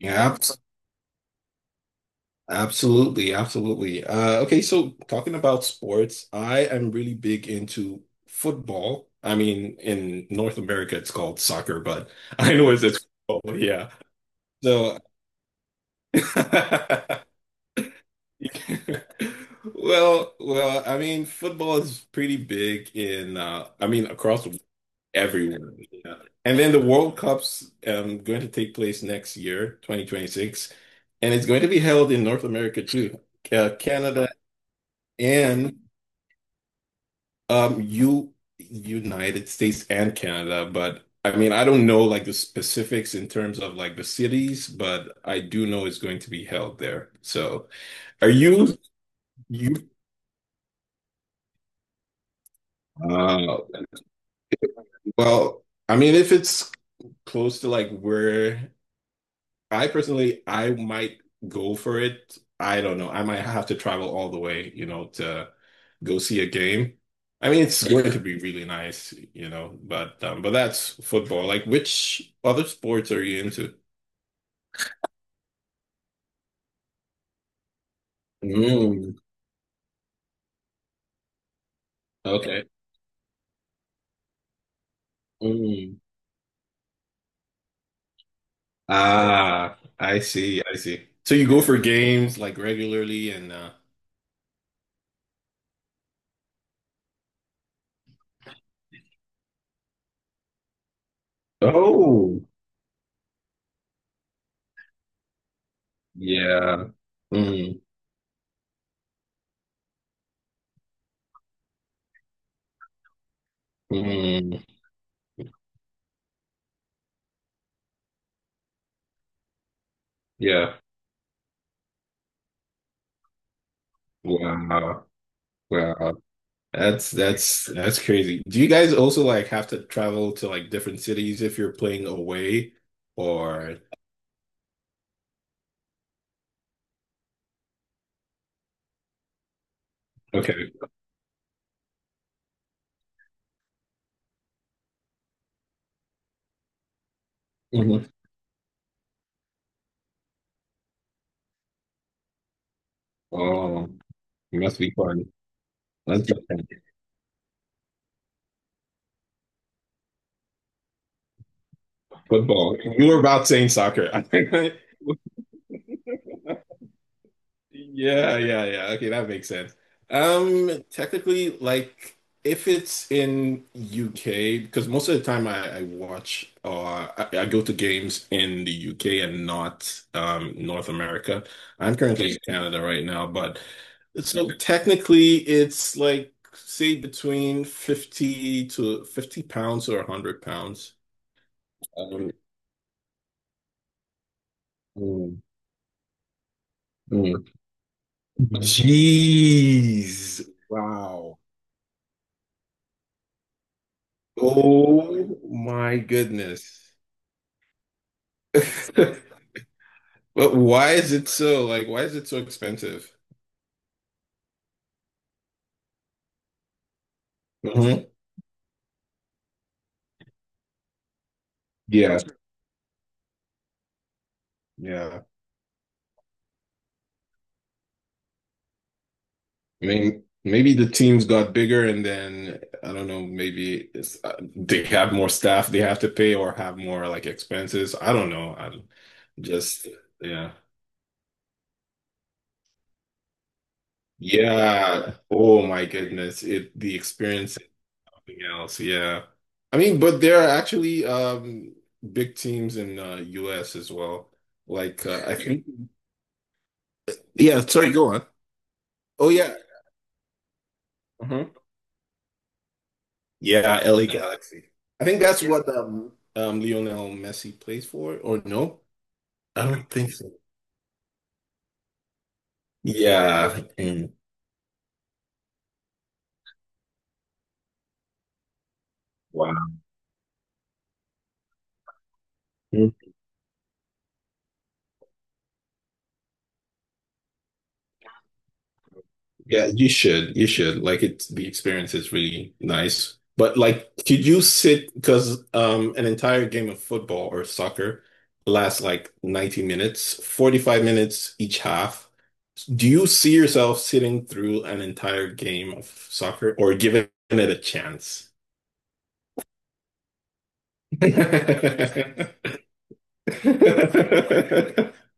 Yeah, abs- Absolutely, absolutely. Okay, so talking about sports, I am really big into football. I mean, in North America, it's called soccer, but I know it's football. Yeah. So, well, I mean, football is pretty big in, I mean, across the everyone. Yeah. And then the World Cup's going to take place next year, 2026, and it's going to be held in North America too, Canada and U United States and Canada. But I mean, I don't know like the specifics in terms of like the cities, but I do know it's going to be held there. So, are you? Uh, well, I mean, if it's close to like where I personally, I might go for it. I don't know. I might have to travel all the way, to go see a game. I mean, it's going to be really nice, but that's football. Like, which other sports are you into? Mm, okay. Mm. Ah, I see, I see. So you go for games like regularly and uh oh, yeah. Mm, mm, yeah. Wow. Wow. That's crazy. Do you guys also like have to travel to like different cities if you're playing away or okay. Hmm. Oh, it must be fun. That's football. You were about saying soccer. Yeah, yeah, yeah. Okay, that makes sense. Technically, like if it's in UK, because most of the time I watch or I go to games in the UK and not North America. I'm currently in Canada right now, but so technically it's like say between 50 to £50 or £100. Um, mm, mm. Jeez. Wow. Oh my goodness. But why is it so like why is it so expensive? Hmm. Yeah. Yeah. I mean, maybe the teams got bigger and then I don't know, maybe it's, they have more staff they have to pay or have more like expenses. I don't know. I'm just yeah. Yeah. Oh my goodness. It the experience something else, yeah. I mean, but there are actually big teams in US as well. Like I think yeah, sorry, go on. Oh yeah. Uh-huh. Yeah, LA Galaxy. I think that's what Lionel Messi plays for, or no? I don't think so. Yeah. Mm. Wow. Yeah, you should. You should. Like it. The experience is really nice. But like could you sit because an entire game of football or soccer lasts like 90 minutes, 45 minutes each half. Do you see yourself sitting through an entire game of soccer or giving it a chance?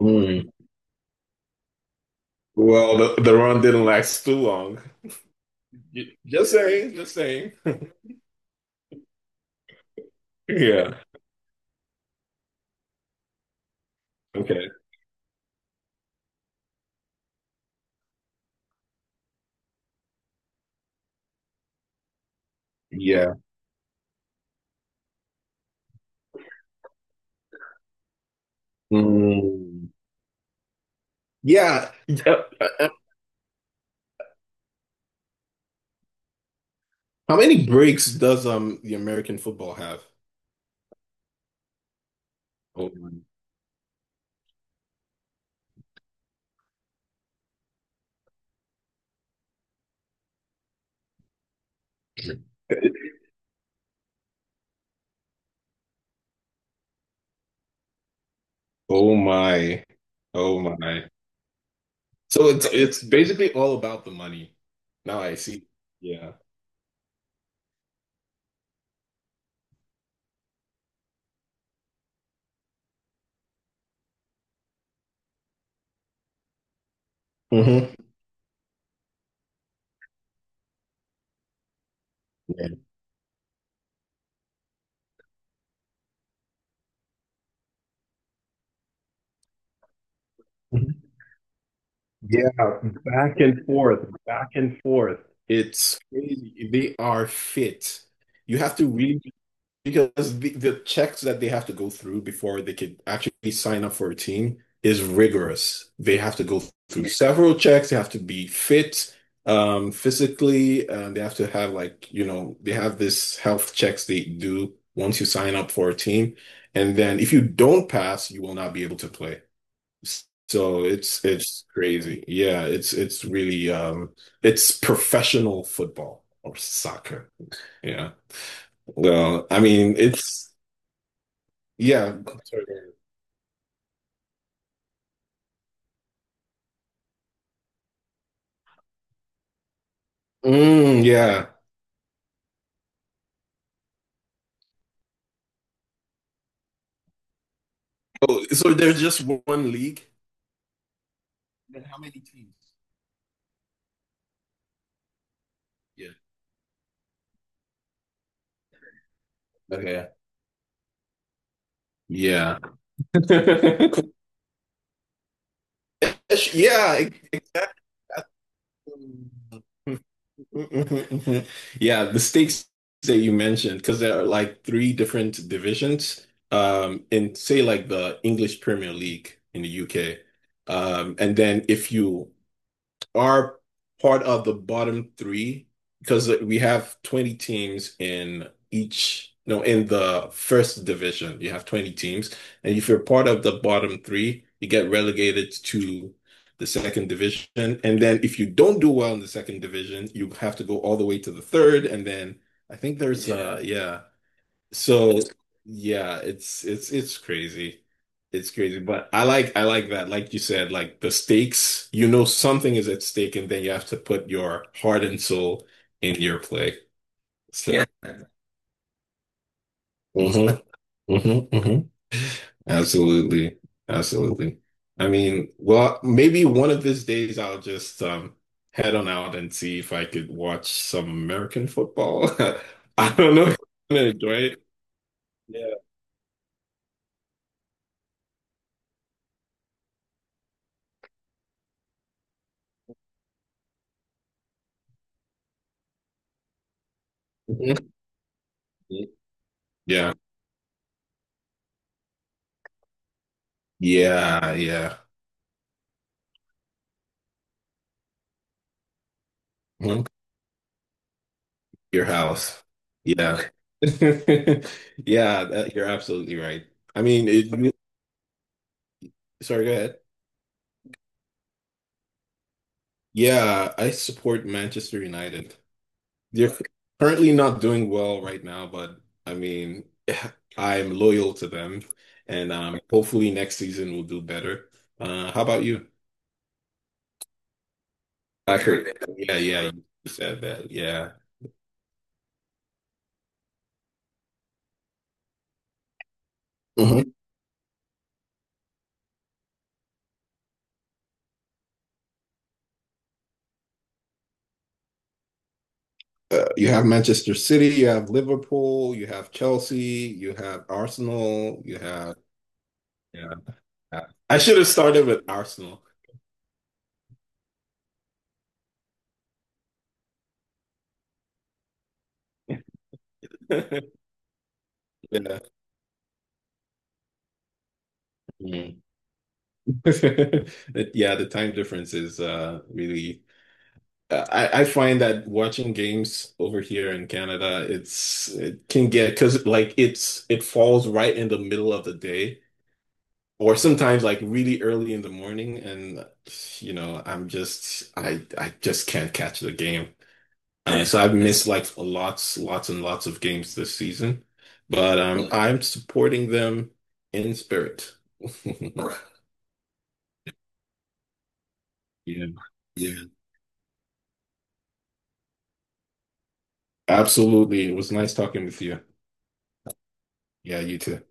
Hmm. Well, the run didn't last too long. Just saying, just saying. Yeah. Okay. Yeah. Mm, yeah. Uh, uh, How many breaks does the American football have? Oh my. Oh my. Oh my. So it's basically all about the money. Now I see. Yeah. Hmm. Yeah. Mhm. Yeah, back and forth, back and forth. It's crazy. They are fit. You have to really because the checks that they have to go through before they can actually sign up for a team is rigorous. They have to go through several checks. They have to be fit, physically, and they have to have like, you know, they have this health checks they do once you sign up for a team. And then if you don't pass, you will not be able to play. So it's crazy. Yeah, it's really it's professional football or soccer. Yeah. Well, I mean, it's yeah. Sorry, David. Mm, yeah. Oh, so there's just one league? Then how many teams? Yeah. Okay. Yeah. Yeah, exactly. Yeah, the stakes that you mentioned, because there are like three different divisions, in say like the English Premier League in the UK. And then if you are part of the bottom three because we have 20 teams in each, no, in the first division, you have 20 teams. And if you're part of the bottom three, you get relegated to the second division. And then if you don't do well in the second division, you have to go all the way to the third. And then I think there's, yeah. Uh, yeah. So yeah, it's crazy. It's crazy, but I like that. Like you said, like the stakes, you know something is at stake and then you have to put your heart and soul in your play. So, yeah. So mhm, mhm, mhm. Absolutely. Absolutely. I mean, well, maybe one of these days I'll just head on out and see if I could watch some American football. I don't know if I'm gonna enjoy it. Yeah. Mhm. Yeah. Yeah, yeah. Mhm. Your house. Yeah. Yeah, that, you're absolutely right. I mean, it, sorry, go ahead. Yeah, I support Manchester United. They're currently not doing well right now, but I mean, I'm loyal to them, and hopefully next season we'll do better. How about you? I heard. Yeah, yeah, you said that. Yeah. Uh, you have Manchester City, you have Liverpool, you have Chelsea, you have Arsenal, you have yeah. I should have started with Arsenal. Yeah. Mm. Yeah, the time difference is really I find that watching games over here in Canada, it's it can get because like it's it falls right in the middle of the day or sometimes like really early in the morning and you know I'm just I just can't catch the game. So I've missed like lots, lots and lots of games this season, but really? I'm supporting them in spirit. All right. Yeah, yeah, absolutely. It was nice talking with you. Yeah, you too.